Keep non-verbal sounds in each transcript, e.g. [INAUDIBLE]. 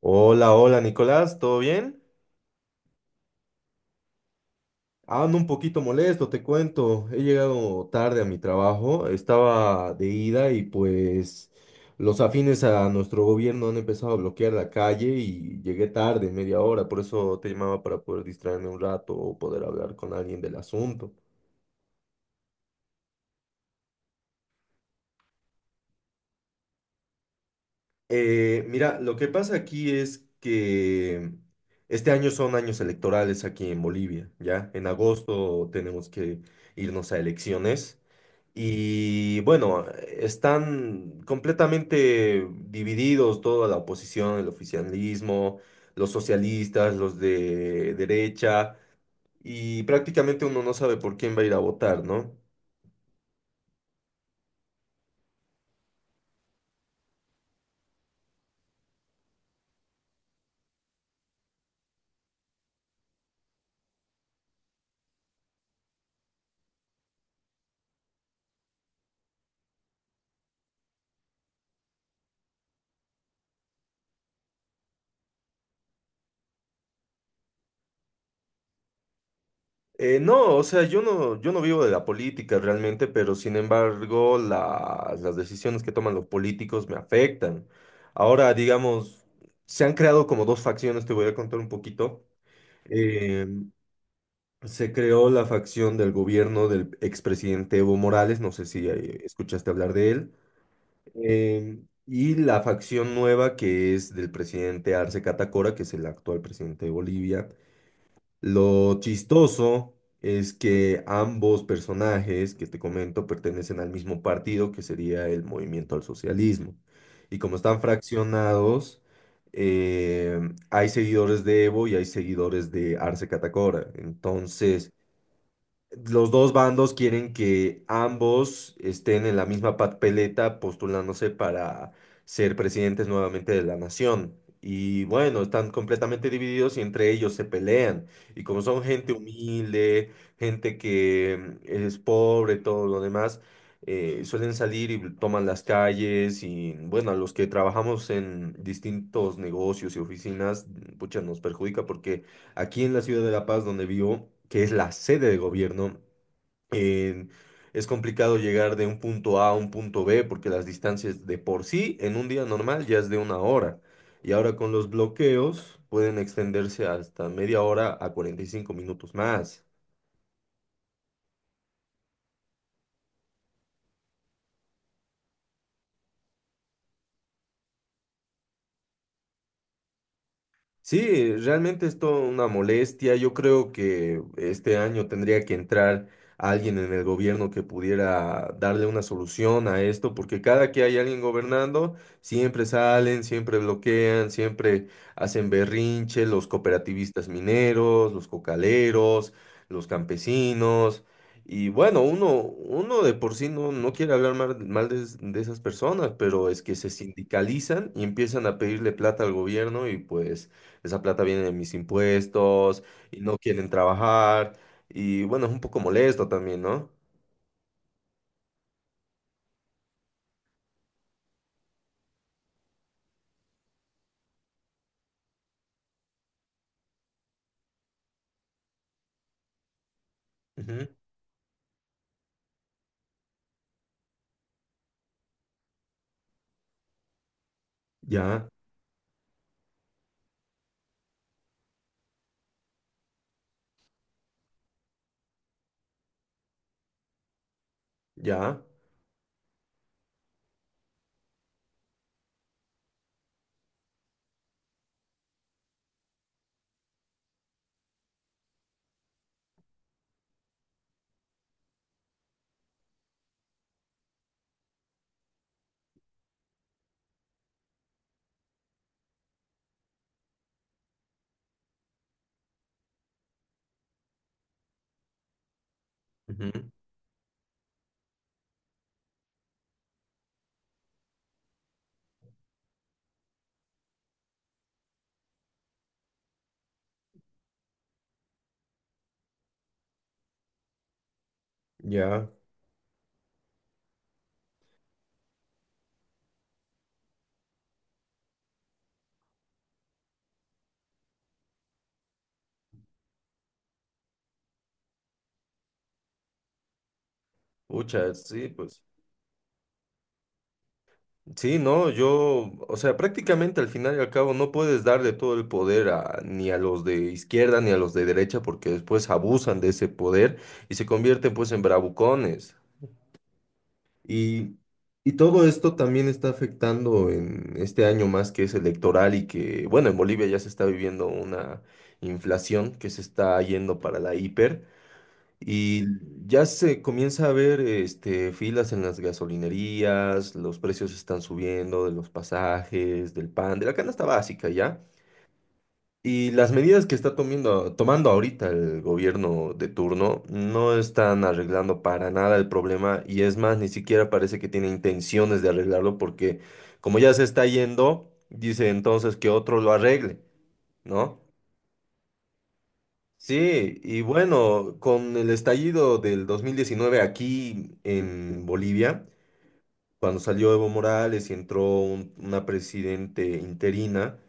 Hola, hola Nicolás, ¿todo bien? Ando un poquito molesto, te cuento. He llegado tarde a mi trabajo, estaba de ida y pues los afines a nuestro gobierno han empezado a bloquear la calle y llegué tarde, media hora, por eso te llamaba para poder distraerme un rato o poder hablar con alguien del asunto. Mira, lo que pasa aquí es que este año son años electorales aquí en Bolivia, ¿ya? En agosto tenemos que irnos a elecciones y bueno, están completamente divididos toda la oposición, el oficialismo, los socialistas, los de derecha y prácticamente uno no sabe por quién va a ir a votar, ¿no? No, o sea, yo no vivo de la política realmente, pero sin embargo las decisiones que toman los políticos me afectan. Ahora, digamos, se han creado como dos facciones, te voy a contar un poquito. Eh, Se creó la facción del gobierno del expresidente Evo Morales, no sé si escuchaste hablar de él, eh, y la facción nueva que es del presidente Arce Catacora, que es el actual presidente de Bolivia. Lo chistoso es que ambos personajes que te comento pertenecen al mismo partido, que sería el movimiento al socialismo. Y como están fraccionados, eh, hay seguidores de Evo y hay seguidores de Arce Catacora. Entonces, los dos bandos quieren que ambos estén en la misma papeleta postulándose para ser presidentes nuevamente de la nación. Y bueno, están completamente divididos y entre ellos se pelean. Y como son gente humilde, gente que es pobre, todo lo demás, suelen salir y toman las calles. Y bueno, a los que trabajamos en distintos negocios y oficinas, pucha, nos perjudica porque aquí en la ciudad de La Paz, donde vivo, que es la sede de gobierno, en- es complicado llegar de un punto A a un punto B porque las distancias de por sí en un día normal ya es de una hora. Y ahora con los bloqueos pueden extenderse hasta media hora a 45 minutos más. Sí, realmente es toda una molestia. Yo creo que este año tendría que entrar alguien en el gobierno que pudiera darle una solución a esto, porque cada que hay alguien gobernando, siempre salen, siempre bloquean, siempre hacen berrinche, los cooperativistas mineros, los cocaleros, los campesinos. Y bueno, uno de por sí no, no quiere hablar mal, de esas personas, pero es que se sindicalizan y empiezan a pedirle plata al gobierno y pues esa plata viene de mis impuestos y no quieren trabajar. Y bueno, es un poco molesto también, ¿no? Ujú. Ya, ya, ujú, ya. Pucha, sí, pues. Sí, no, yo, o sea, prácticamente al final y al cabo no puedes darle todo el poder a, ni a los de izquierda ni a los de derecha porque después abusan de ese poder y se convierten pues en bravucones. Y, y todo esto también está afectando en este año más que es electoral y que, bueno, en Bolivia ya se está viviendo una inflación que se está yendo para la hiper y ya se comienza a ver este, filas en las gasolinerías, los precios están subiendo de los pasajes, del pan, de la canasta básica, ¿ya? Y las medidas que está tomando ahorita el gobierno de turno no están arreglando para nada el problema y es más, ni siquiera parece que tiene intenciones de arreglarlo porque como ya se está yendo, dice entonces que otro lo arregle, ¿no? Sí, y bueno, con el estallido del 2019 aquí en Bolivia, cuando salió Evo Morales y entró una presidente interina.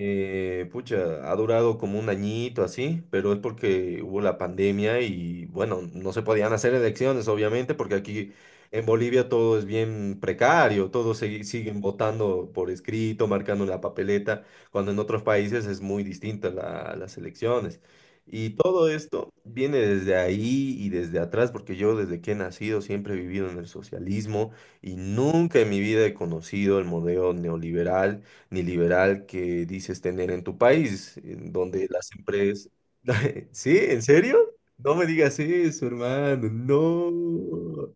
Pucha, ha durado como un añito así, pero es porque hubo la pandemia y bueno, no se podían hacer elecciones, obviamente, porque aquí en Bolivia todo es bien precario, todos siguen votando por escrito, marcando en la papeleta, cuando en otros países es muy distinta las elecciones. Y todo esto viene desde ahí y desde atrás, porque yo desde que he nacido siempre he vivido en el socialismo y nunca en mi vida he conocido el modelo neoliberal ni liberal que dices tener en tu país, en donde las empresas... [LAUGHS] ¿Sí? ¿En serio? No me digas eso, hermano. No.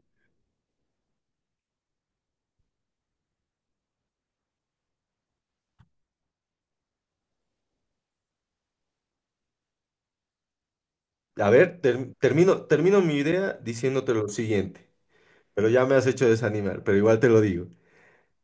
A ver, termino, termino mi idea diciéndote lo siguiente, pero ya me has hecho desanimar, pero igual te lo digo.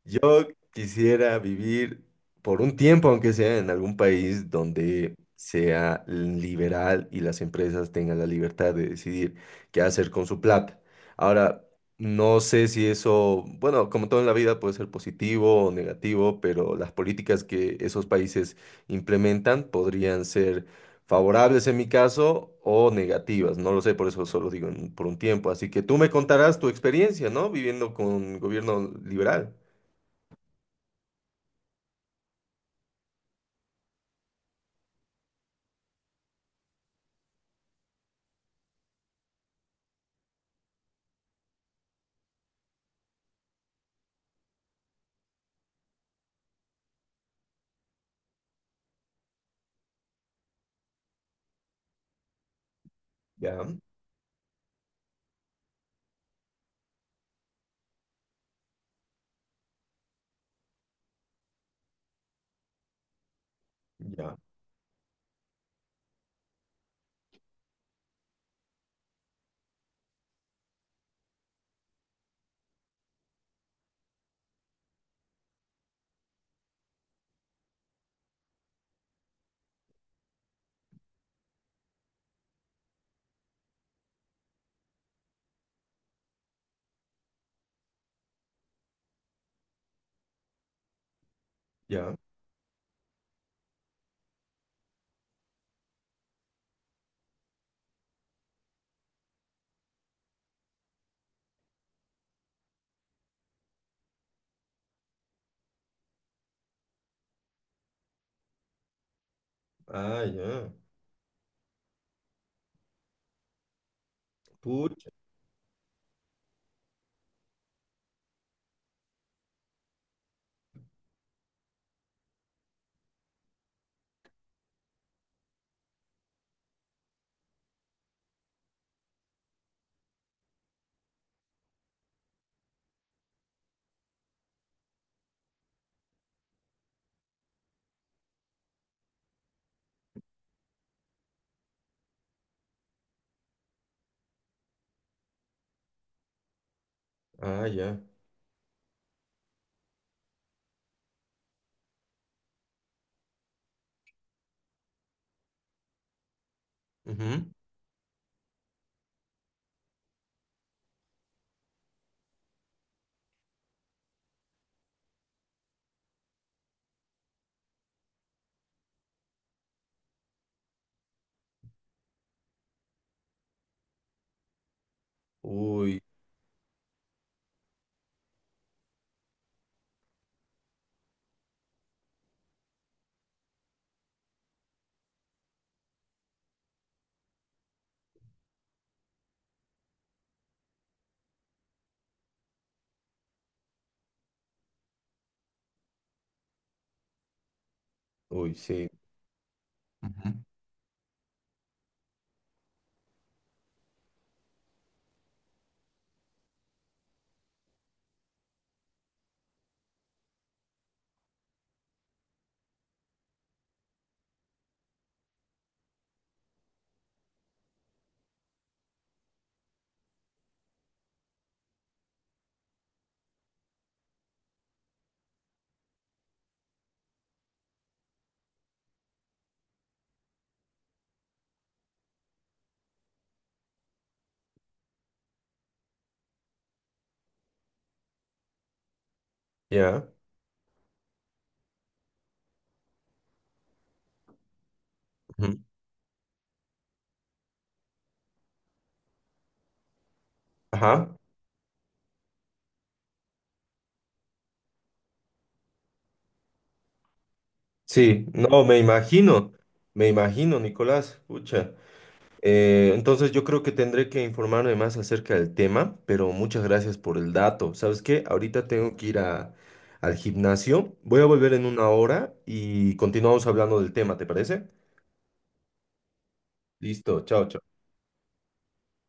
Yo quisiera vivir por un tiempo, aunque sea en algún país donde sea liberal y las empresas tengan la libertad de decidir qué hacer con su plata. Ahora, no sé si eso, bueno, como todo en la vida puede ser positivo o negativo, pero las políticas que esos países implementan podrían ser favorables en mi caso o negativas. No lo sé, por eso solo digo por un tiempo. Así que tú me contarás tu experiencia, ¿no? Viviendo con gobierno liberal. Ya, ya, ya. Ah, ya. Pucha. Ah, ya. Ujú. Uy, uy, sí. Ujú. Ya. Ujú. Ajá. Sí, no, me imagino. Me imagino, Nicolás. Pucha. Entonces yo creo que tendré que informarme más acerca del tema, pero muchas gracias por el dato. ¿Sabes qué? Ahorita tengo que al gimnasio. Voy a volver en una hora y continuamos hablando del tema, ¿te parece? Listo, chao, chao.